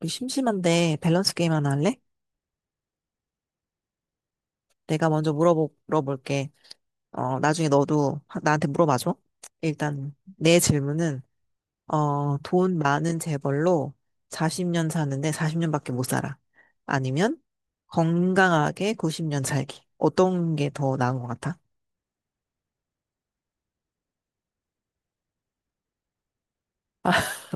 우리 심심한데 밸런스 게임 하나 할래? 내가 먼저 물어볼게. 나중에 너도 나한테 물어봐줘. 일단 내 질문은 돈 많은 재벌로 40년 사는데 40년밖에 못 살아. 아니면 건강하게 90년 살기. 어떤 게 더 나은 것 같아?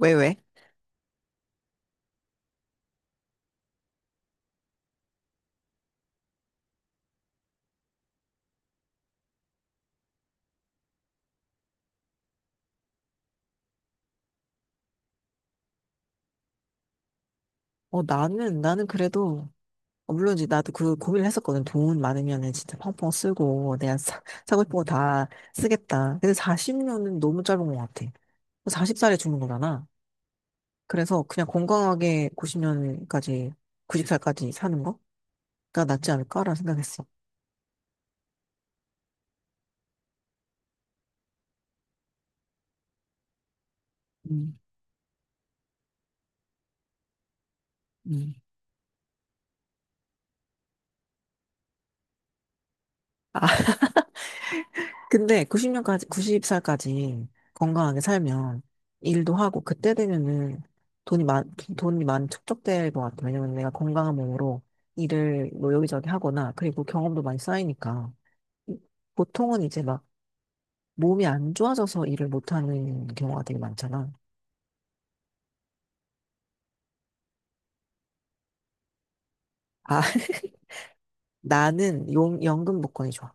왜, 왜? 나는 그래도, 물론 이제 나도 그 고민을 했었거든. 돈 많으면은 진짜 펑펑 쓰고, 내가 사고 싶은 거 다 쓰겠다. 근데 40년은 너무 짧은 것 같아. 40살에 죽는 거잖아. 그래서 그냥 건강하게 90년까지, 90살까지 사는 거가 낫지 않을까라는 생각했어. 음, 음. 아, 근데 90년까지, 90살까지 건강하게 살면 일도 하고 그때 되면은 돈이 많, 돈이 많이 축적될 것 같아. 왜냐면 내가 건강한 몸으로 일을 뭐 여기저기 하거나 그리고 경험도 많이 쌓이니까 보통은 이제 막 몸이 안 좋아져서 일을 못하는 경우가 되게 많잖아. 아, 나는 연금 복권이 좋아.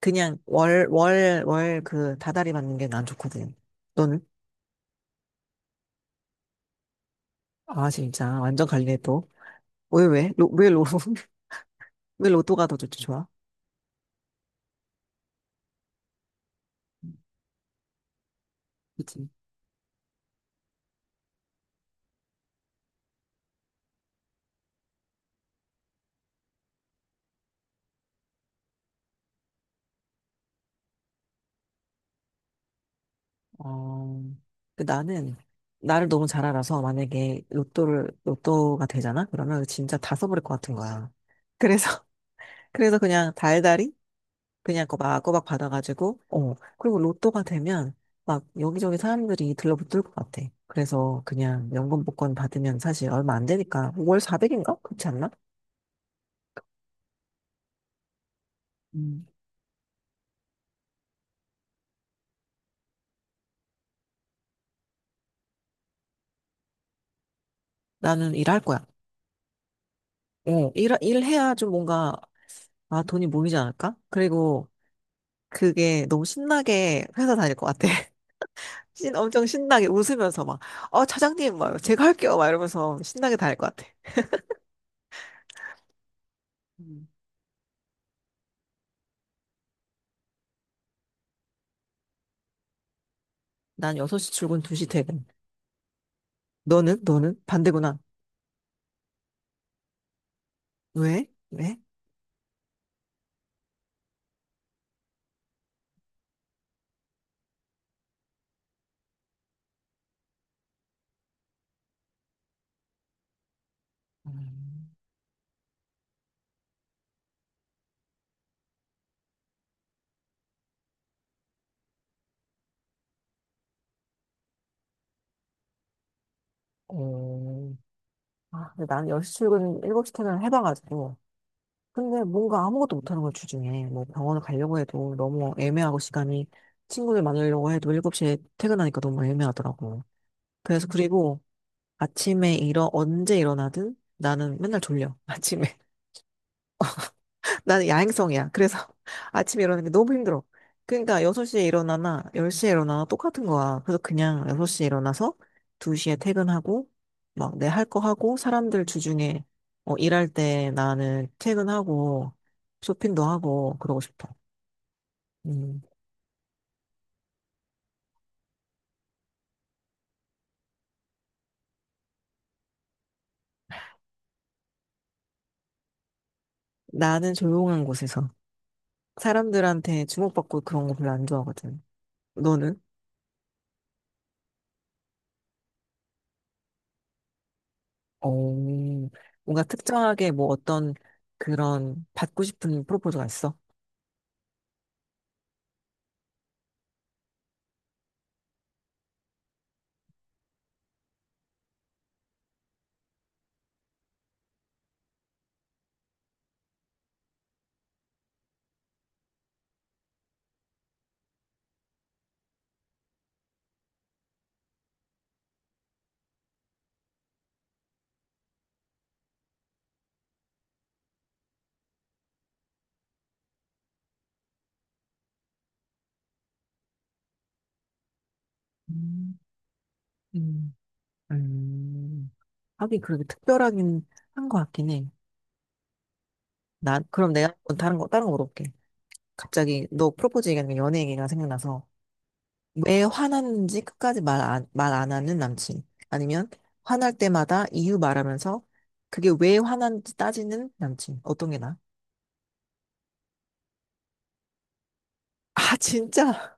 그냥 월 그 다달이 받는 게 난 좋거든. 너는? 아, 진짜. 완전 갈리네, 또. 왜, 왜? 왜 로또가 더 좋, 지 좋아? 그치. 어, 그 나를 너무 잘 알아서 만약에 로또를, 로또가 되잖아? 그러면 진짜 다 써버릴 것 같은 거야. 그래서, 그래서 그냥 달달이? 그냥 꼬박꼬박 받아가지고, 어. 그리고 로또가 되면 막 여기저기 사람들이 들러붙을 것 같아. 그래서 그냥 연금 복권 받으면 사실 얼마 안 되니까 월 400인가? 그렇지 않나? 음. 나는 일할 거야. 일해야 좀 뭔가, 아, 돈이 모이지 않을까? 그리고 그게 너무 신나게 회사 다닐 것 같아. 엄청 신나게 웃으면서 막, 차장님, 막, 제가 할게요. 막 이러면서 신나게 다닐 것 같아. 음. 난 6시 출근, 2시 퇴근. 너는? 너는? 반대구나. 왜? 왜? 음. 어, 근데 난 10시 출근, 7시 퇴근을 해봐가지고. 근데 뭔가 아무것도 못하는 걸 주중에. 뭐 병원을 가려고 해도 너무 애매하고 시간이 친구들 만나려고 해도 7시에 퇴근하니까 너무 애매하더라고. 그래서 그리고 아침에 언제 일어나든 나는 맨날 졸려. 아침에. 나는 야행성이야. 그래서 아침에 일어나는 게 너무 힘들어. 그러니까 6시에 일어나나 10시에 일어나나 똑같은 거야. 그래서 그냥 6시에 일어나서 2시에 퇴근하고 막 내 할 거 하고 사람들 주중에 일할 때 나는 퇴근하고 쇼핑도 하고 그러고 싶어. 음. 나는 조용한 곳에서 사람들한테 주목받고 그런 거 별로 안 좋아하거든. 너는? 오, 뭔가 특정하게 뭐 어떤 그런 받고 싶은 프로포즈가 있어? 음, 음. 음, 하긴 그렇게 특별하긴 한 것 같긴 해. 난, 그럼 내가 한번 다른 거 물어볼게. 갑자기 너 프로포즈 얘기하니까 연애 얘기가 생각나서 왜 화났는지 끝까지 말 안 하는 남친. 아니면 화날 때마다 이유 말하면서 그게 왜 화났는지 따지는 남친. 어떤 게 나아? 아, 진짜?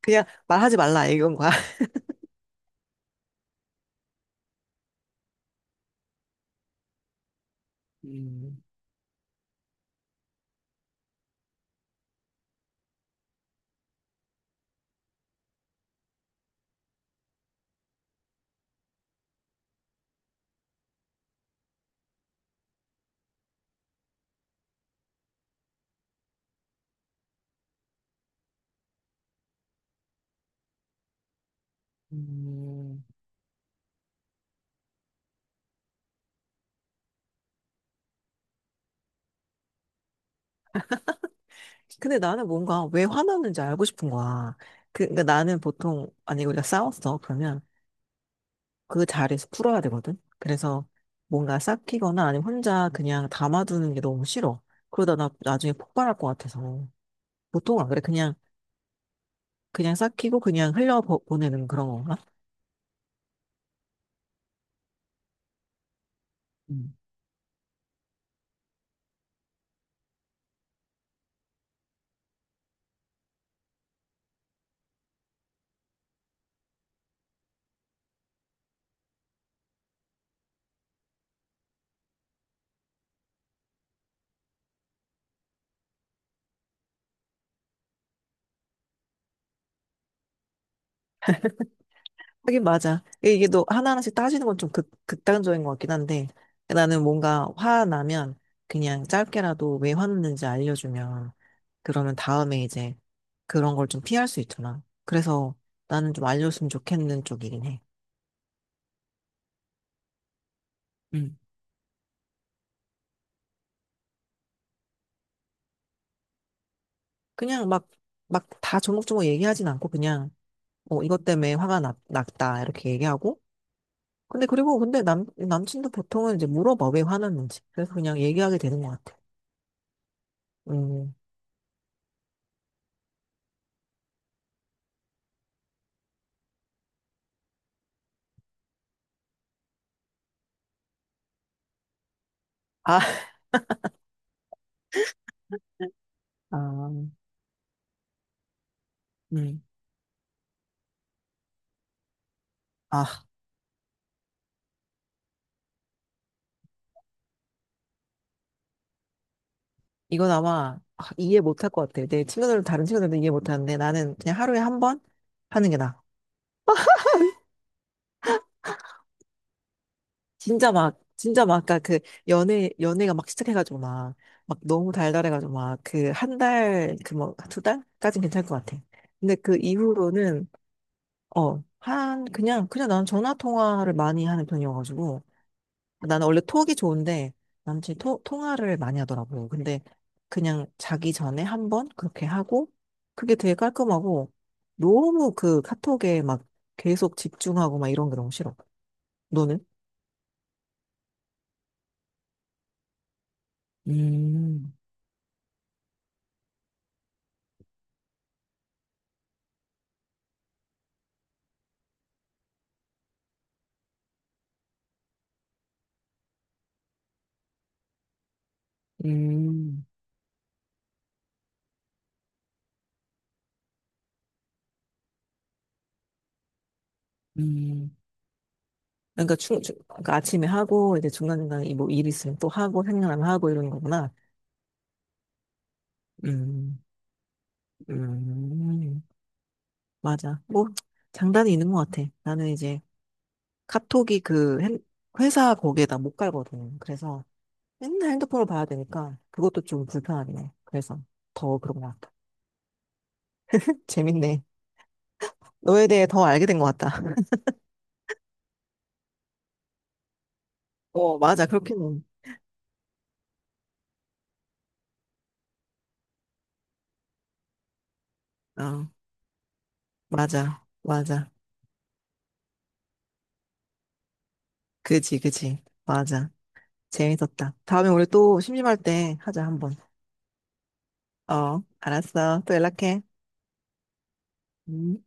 그냥 말하지 말라 이건 거야. 음, 음. 근데 나는 뭔가 왜 화났는지 알고 싶은 거야. 그러니까 나는 보통, 아니, 우리가 싸웠어. 그러면 그 자리에서 풀어야 되거든. 그래서 뭔가 삭히거나 아니면 혼자 그냥 담아두는 게 너무 싫어. 그러다 나 나중에 폭발할 것 같아서. 보통 안 그래. 그냥 삭히고 그냥 흘려보내는 그런 건가? 음. 하긴 맞아. 이게 너 하나하나씩 따지는 건 좀 극단적인 것 같긴 한데 나는 뭔가 화나면 그냥 짧게라도 왜 화났는지 알려주면 그러면 다음에 이제 그런 걸 좀 피할 수 있잖아. 그래서 나는 좀 알려줬으면 좋겠는 쪽이긴 해. 그냥 막 다 조목조목 얘기하진 않고 그냥, 이것 때문에 화가 났다, 이렇게 얘기하고. 근데 그리고 근데 남친도 보통은 이제 물어봐, 왜 화났는지. 그래서 그냥 얘기하게 되는 것 같아. 음. 아, 아, 음. 아, 이건 아마 이해 못할 것 같아. 내 친구들도 다른 친구들도 이해 못하는데 나는 그냥 하루에 한 번 하는 게 나아. 진짜 막, 아까 그, 연애가 막 시작해가지고 막, 막 너무 달달해가지고 막, 그, 한 달, 그 뭐, 두 달까진 괜찮을 것 같아. 근데 그 이후로는, 한, 그냥 난 전화 통화를 많이 하는 편이어가지고, 나는 원래 톡이 좋은데, 남친이 통화를 많이 하더라고요. 근데 그냥 자기 전에 한 번 그렇게 하고, 그게 되게 깔끔하고, 너무 그 카톡에 막 계속 집중하고 막 이런 게 너무 싫어. 너는? 음, 음. 음. 그러니까 아침에 하고 이제 중간중간에 이뭐 일 있으면 또 하고 생각나면 하고 이러는 거구나. 음. 음. 맞아. 뭐 장단이 있는 것 같아. 나는 이제 카톡이 그 회사 거기에다 못 갈거든. 그래서 맨날 핸드폰을 봐야 되니까 그것도 좀 불편하긴 해. 그래서 더 그런 것 같아. 재밌네. 너에 대해 더 알게 된 것 같다. 어, 맞아. 그렇게는. 어, 맞아. 맞아. 그지, 그지. 맞아. 재밌었다. 다음에 우리 또 심심할 때 하자, 한번. 어, 알았어. 또 연락해. 음.